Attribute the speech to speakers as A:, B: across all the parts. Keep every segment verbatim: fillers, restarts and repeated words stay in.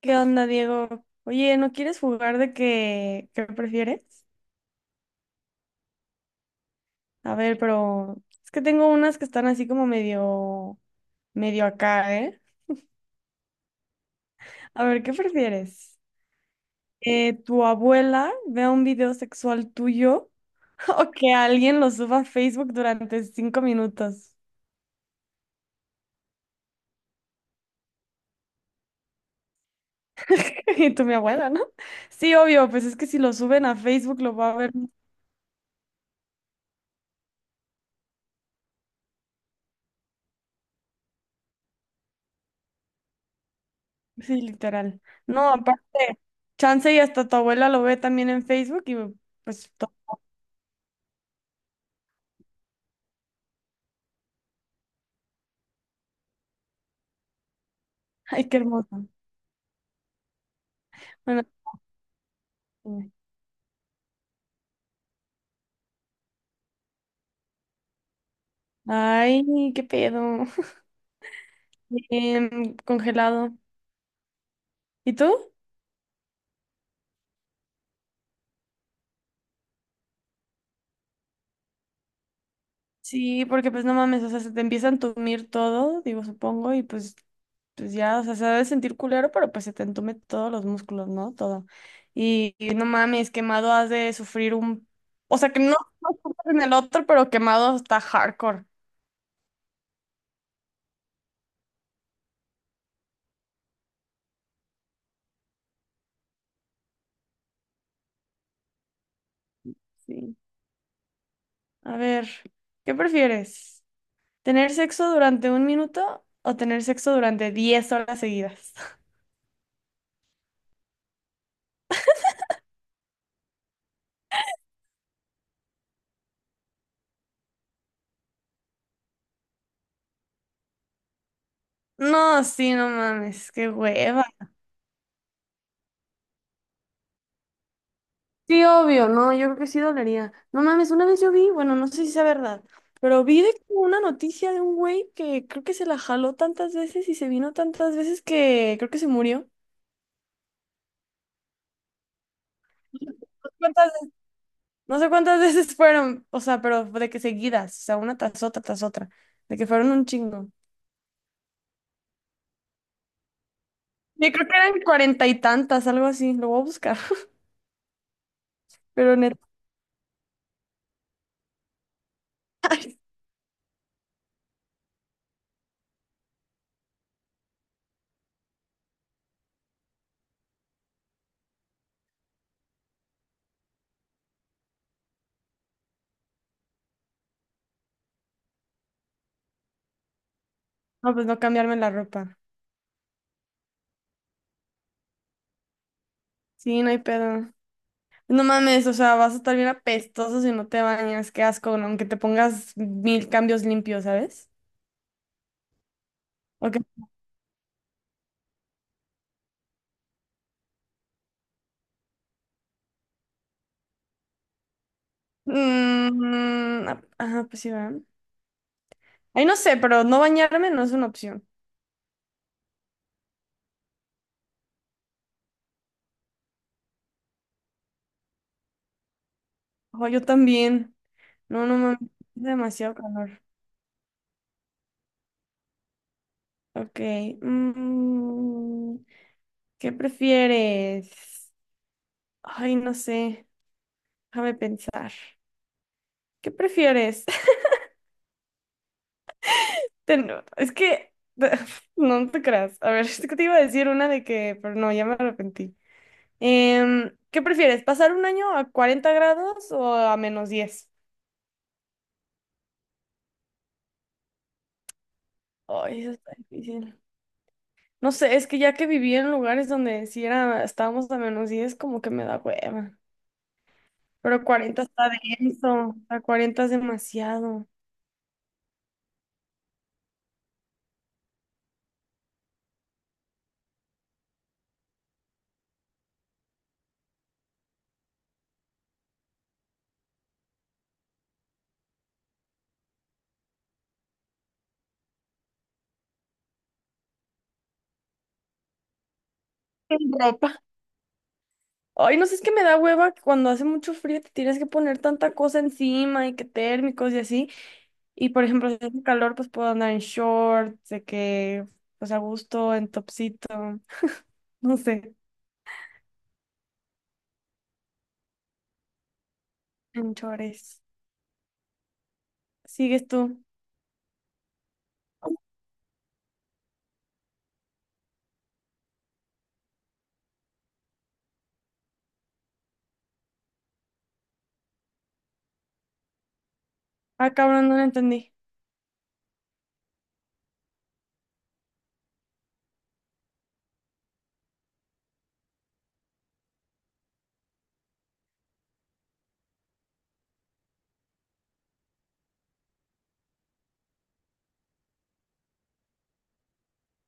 A: ¿Qué onda, Diego? Oye, ¿no quieres jugar de qué qué prefieres? A ver, pero es que tengo unas que están así como medio, medio acá, ¿eh? A ver, ¿qué prefieres? Eh, ¿tu abuela vea un video sexual tuyo o que alguien lo suba a Facebook durante cinco minutos? Y tú, mi abuela, ¿no? Sí, obvio, pues es que si lo suben a Facebook lo va a ver, sí, literal. No, aparte, chance y hasta tu abuela lo ve también en Facebook y pues ay, qué hermoso. Bueno, sí. Ay, qué pedo. Em, congelado. ¿Y tú? Sí, porque pues no mames, o sea, se te empieza a entumir todo, digo, supongo, y pues, pues ya, o sea, se debe sentir culero, pero pues se te entume todos los músculos, ¿no? Todo. Y, y no mames, quemado has de sufrir un... O sea, que no, no sufres en el otro, pero quemado está hardcore. Sí. A ver, ¿qué prefieres? ¿Tener sexo durante un minuto o tener sexo durante diez horas seguidas? No, sí, no mames, qué hueva. Sí, obvio, no, yo creo que sí dolería. No mames, una vez yo vi, bueno, no sé si sea verdad, pero vi de que una noticia de un güey que creo que se la jaló tantas veces y se vino tantas veces que creo que se murió. No sé cuántas ve- no sé cuántas veces fueron, o sea, pero de que seguidas, o sea, una tras otra, tras otra, de que fueron un chingo. Yo creo que eran cuarenta y tantas, algo así, lo voy a buscar. Pero neta, no, pues no cambiarme la ropa. Sí, no hay pedo. No mames, o sea, vas a estar bien apestoso si no te bañas, qué asco, ¿no? Aunque te pongas mil cambios limpios, ¿sabes? Ok. Mm, ah, ajá, pues sí, ¿verdad? Ay, no sé, pero no bañarme no es una opción. Ojo, yo también. No, no mames, es demasiado calor. Ok. mm, ¿qué prefieres? Ay, no sé, déjame pensar. ¿Qué prefieres? Te Ten- Es que, no te creas. A ver, es que te iba a decir una de que, pero no, ya me arrepentí. Em, ¿qué prefieres? ¿Pasar un año a cuarenta grados o a menos diez? Ay, eso está difícil. No sé, es que ya que viví en lugares donde si era, estábamos a menos diez como que me da hueva. Pero cuarenta está denso, a cuarenta es demasiado. Sin ropa. Ay, no sé, es que me da hueva que cuando hace mucho frío te tienes que poner tanta cosa encima y que térmicos y así. Y por ejemplo, si hace calor, pues puedo andar en shorts, de que, pues a gusto, en topsito, no sé, en chores. Sigues tú. Ah, cabrón, no lo entendí.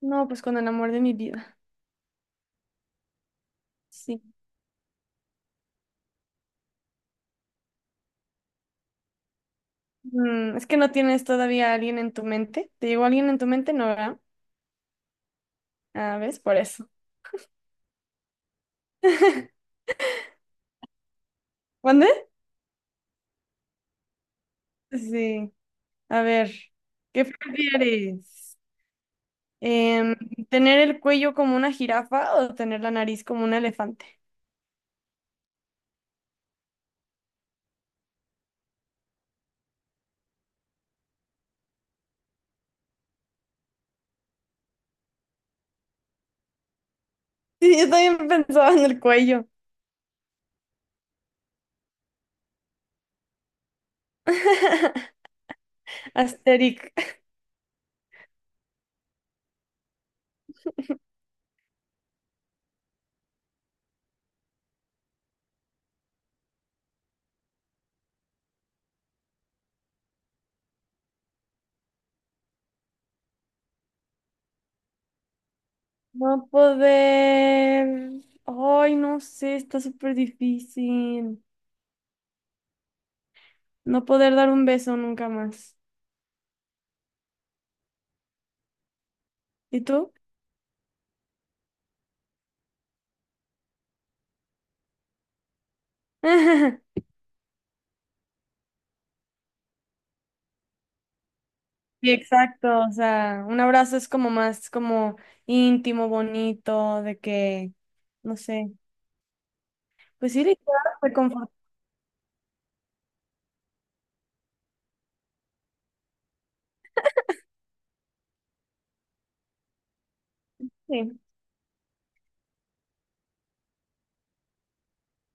A: No, pues con el amor de mi vida. Sí. Mm, es que no tienes todavía a alguien en tu mente. ¿Te llegó alguien en tu mente? No, ¿verdad? Ah, ¿ves? Por eso. ¿Cuándo? Sí. A ver, ¿qué prefieres? Em, ¿tener el cuello como una jirafa o tener la nariz como un elefante? Sí, yo también pensaba en el cuello. Asterix. No poder. Ay, no sé, está súper difícil. No poder dar un beso nunca más. ¿Y tú? Sí, exacto. O sea, un abrazo es como más como íntimo, bonito, de que, no sé. Pues sí, claro, reconfortante.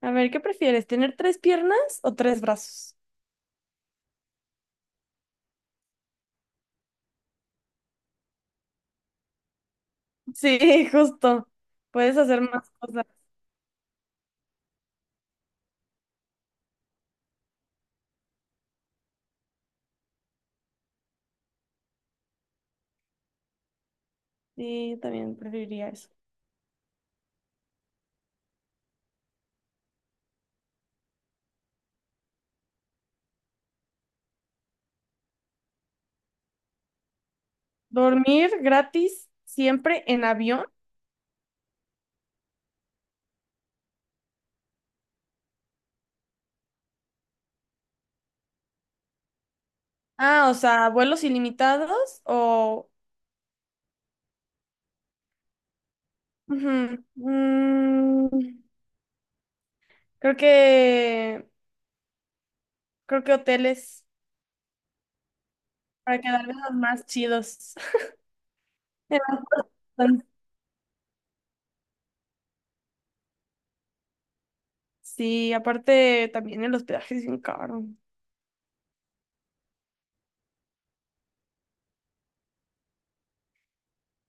A: A ver, ¿qué prefieres? ¿Tener tres piernas o tres brazos? Sí, justo. Puedes hacer más cosas. Sí, yo también preferiría eso. ¿Dormir gratis siempre en avión? Ah, o sea, vuelos ilimitados o... Ujú. Mm, Creo que, creo que hoteles para quedarme los más chidos. Entonces, sí, aparte también el hospedaje es bien caro.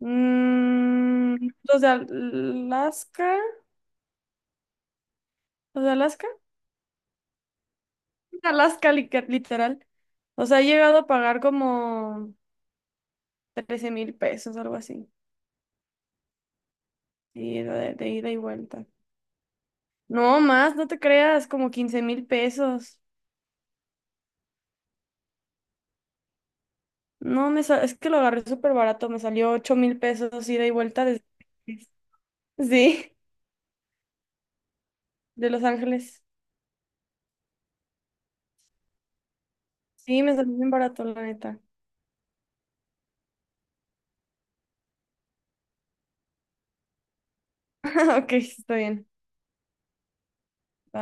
A: Mm, los de Alaska, los de Alaska, Alaska li- literal. O sea, he llegado a pagar como trece mil pesos, algo así. Y de, de ida y vuelta. No más, no te creas, como quince mil pesos. No, me sa- es que lo agarré súper barato, me salió ocho mil pesos ida y vuelta desde... Sí. De Los Ángeles. Sí, me salió bien barato, la neta. Ok, está bien. Bye.